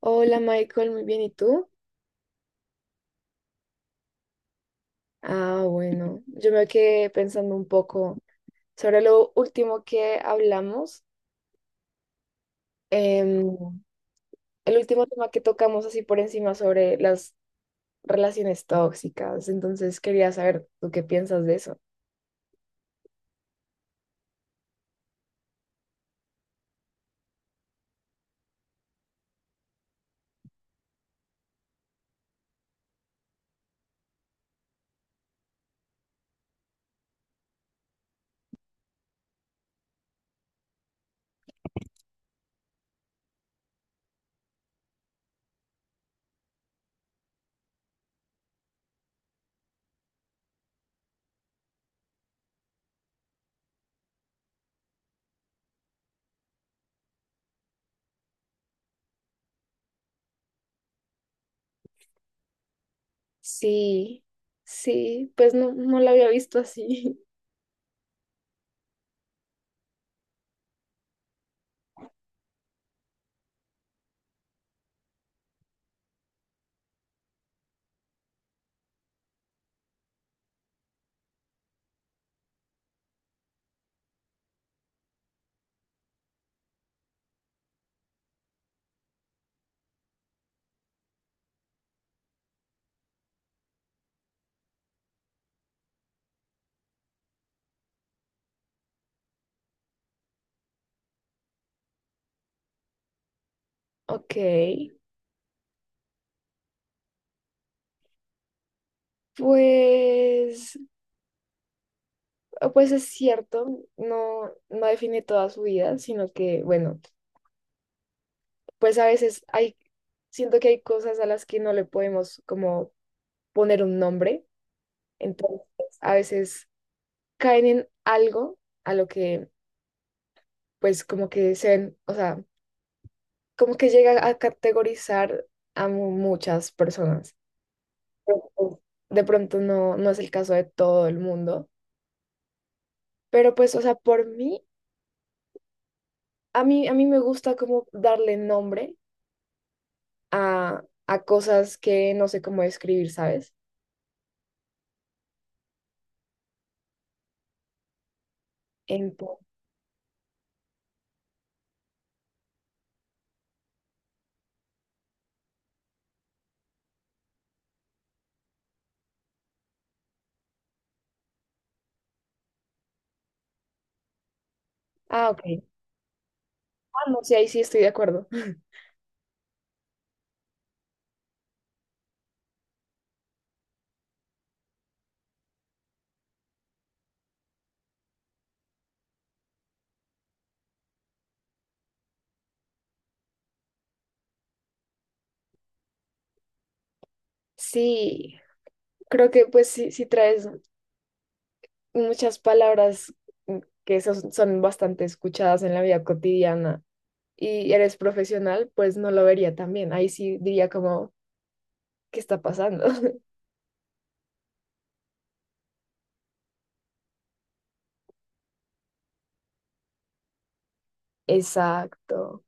Hola Michael, muy bien, ¿y tú? Ah, bueno, yo me quedé pensando un poco sobre lo último que hablamos, em, el último tema que tocamos así por encima sobre las relaciones tóxicas, entonces quería saber tú qué piensas de eso. Sí, sí, pues no lo había visto así. Ok, pues, pues es cierto, no define toda su vida, sino que, bueno. Pues a veces siento que hay cosas a las que no le podemos como poner un nombre, entonces a veces caen en algo a lo que pues como que se ven, o sea, como que llega a categorizar a muchas personas. Ojo, de pronto no es el caso de todo el mundo, pero pues, o sea, por mí, a mí me gusta como darle nombre a cosas que no sé cómo describir, ¿sabes? Entonces, ah, ok. Ah, no, sí, ahí sí estoy de acuerdo. Sí, creo que pues sí, sí traes muchas palabras mm, que son, son bastante escuchadas en la vida cotidiana y eres profesional, pues no lo vería tan bien. Ahí sí diría como, ¿qué está pasando? Exacto.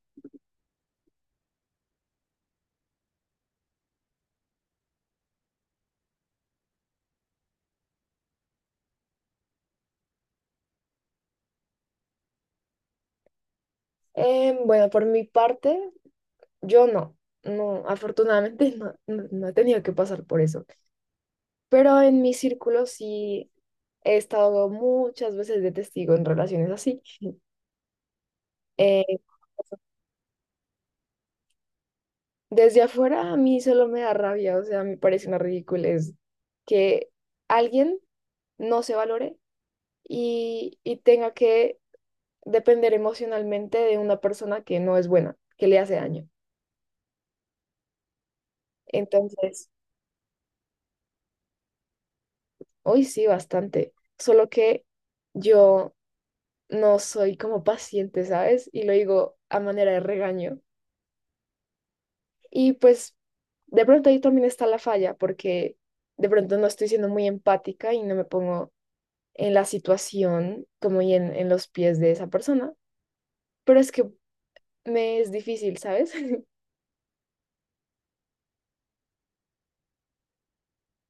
Bueno, por mi parte, yo no. No, afortunadamente no he tenido que pasar por eso. Pero en mi círculo sí he estado muchas veces de testigo en relaciones así. Eh, desde afuera a mí solo me da rabia, o sea, me parece una ridiculez que alguien no se valore y tenga que depender emocionalmente de una persona que no es buena, que le hace daño. Entonces, hoy sí, bastante, solo que yo no soy como paciente, ¿sabes? Y lo digo a manera de regaño. Y pues, de pronto ahí también está la falla, porque de pronto no estoy siendo muy empática y no me pongo en la situación como en los pies de esa persona, pero es que me es difícil, ¿sabes?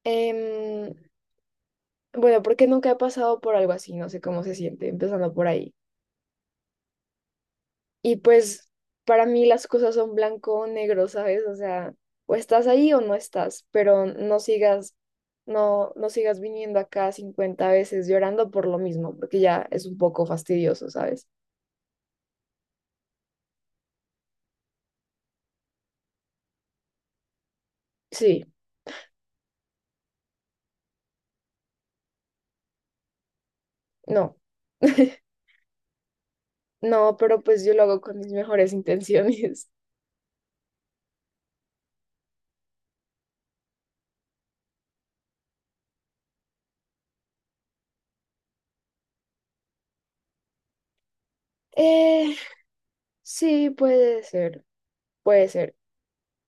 Em, bueno, porque nunca he pasado por algo así, no sé cómo se siente, empezando por ahí. Y pues para mí las cosas son blanco o negro, ¿sabes? O sea, o estás ahí o no estás, pero no sigas, no sigas viniendo acá 50 veces llorando por lo mismo, porque ya es un poco fastidioso, ¿sabes? Sí, no. No, pero pues yo lo hago con mis mejores intenciones. Eh, sí, puede ser.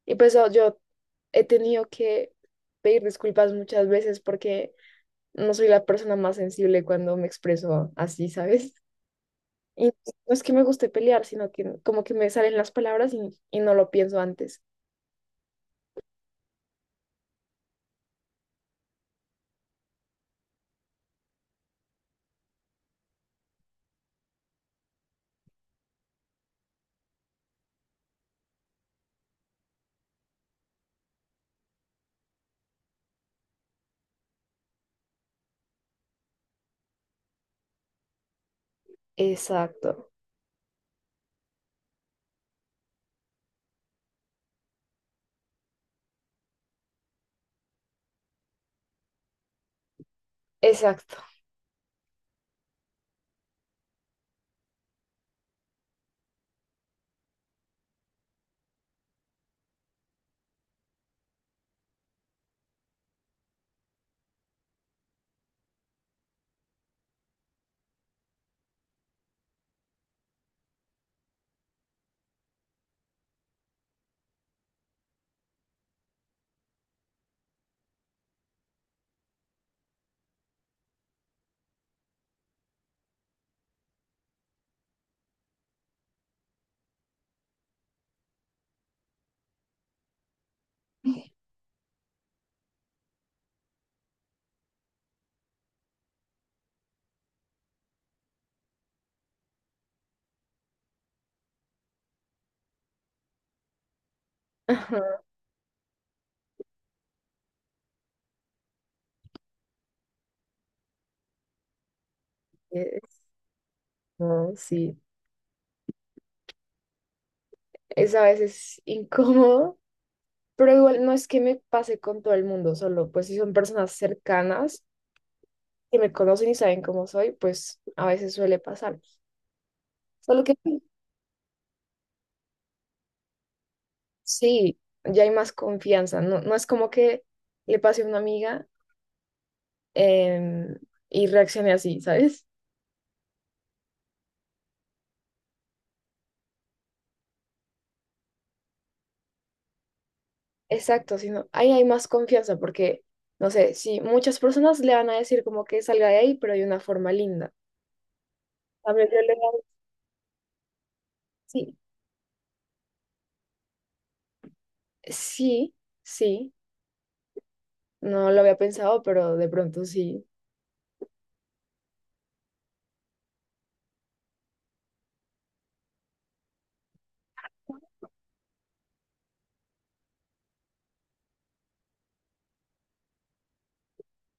Y pues oh, yo he tenido que pedir disculpas muchas veces porque no soy la persona más sensible cuando me expreso así, ¿sabes? Y no es que me guste pelear, sino que como que me salen las palabras y no lo pienso antes. Exacto, exacto. Ajá, es- no, sí, es a veces incómodo, pero igual no es que me pase con todo el mundo, solo pues si son personas cercanas que me conocen y saben cómo soy, pues a veces suele pasar. Solo que sí, ya hay más confianza. No, no es como que le pase a una amiga em, y reaccione así, ¿sabes? Exacto, sino ahí hay más confianza porque, no sé, si muchas personas le van a decir como que salga de ahí, pero de una forma linda. También yo le digo, sí, sí, sí, no lo había pensado, pero de pronto sí.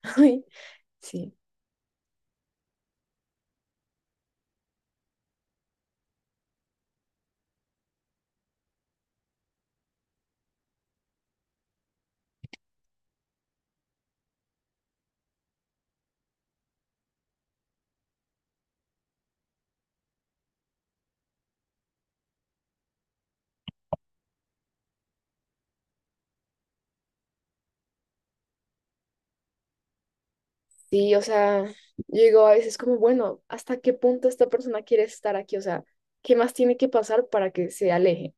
Ay, sí. Sí, o sea, yo digo a veces como, bueno, ¿hasta qué punto esta persona quiere estar aquí? O sea, ¿qué más tiene que pasar para que se aleje?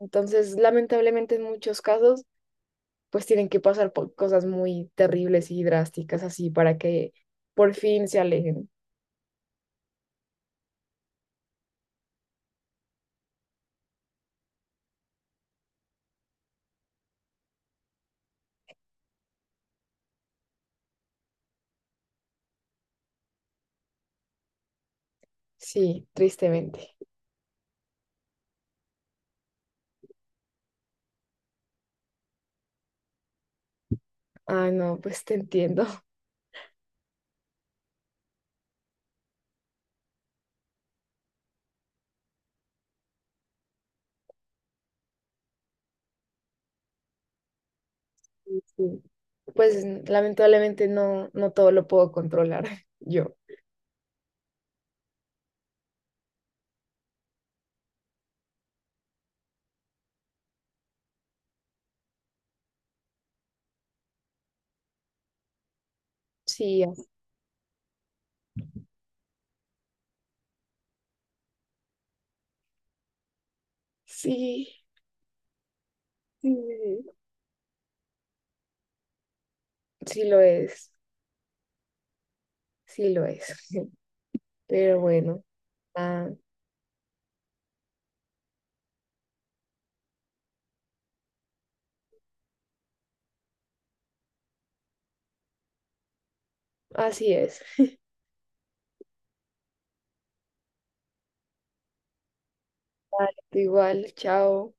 Entonces, lamentablemente en muchos casos, pues tienen que pasar por cosas muy terribles y drásticas así para que por fin se alejen. Sí, tristemente. Ah, no, pues te entiendo. Sí, sí. Pues lamentablemente no, no todo lo puedo controlar yo. Sí, sí, sí, sí sí lo es, sí lo es. Pero bueno, ah, así es. Vale, tú igual, chao.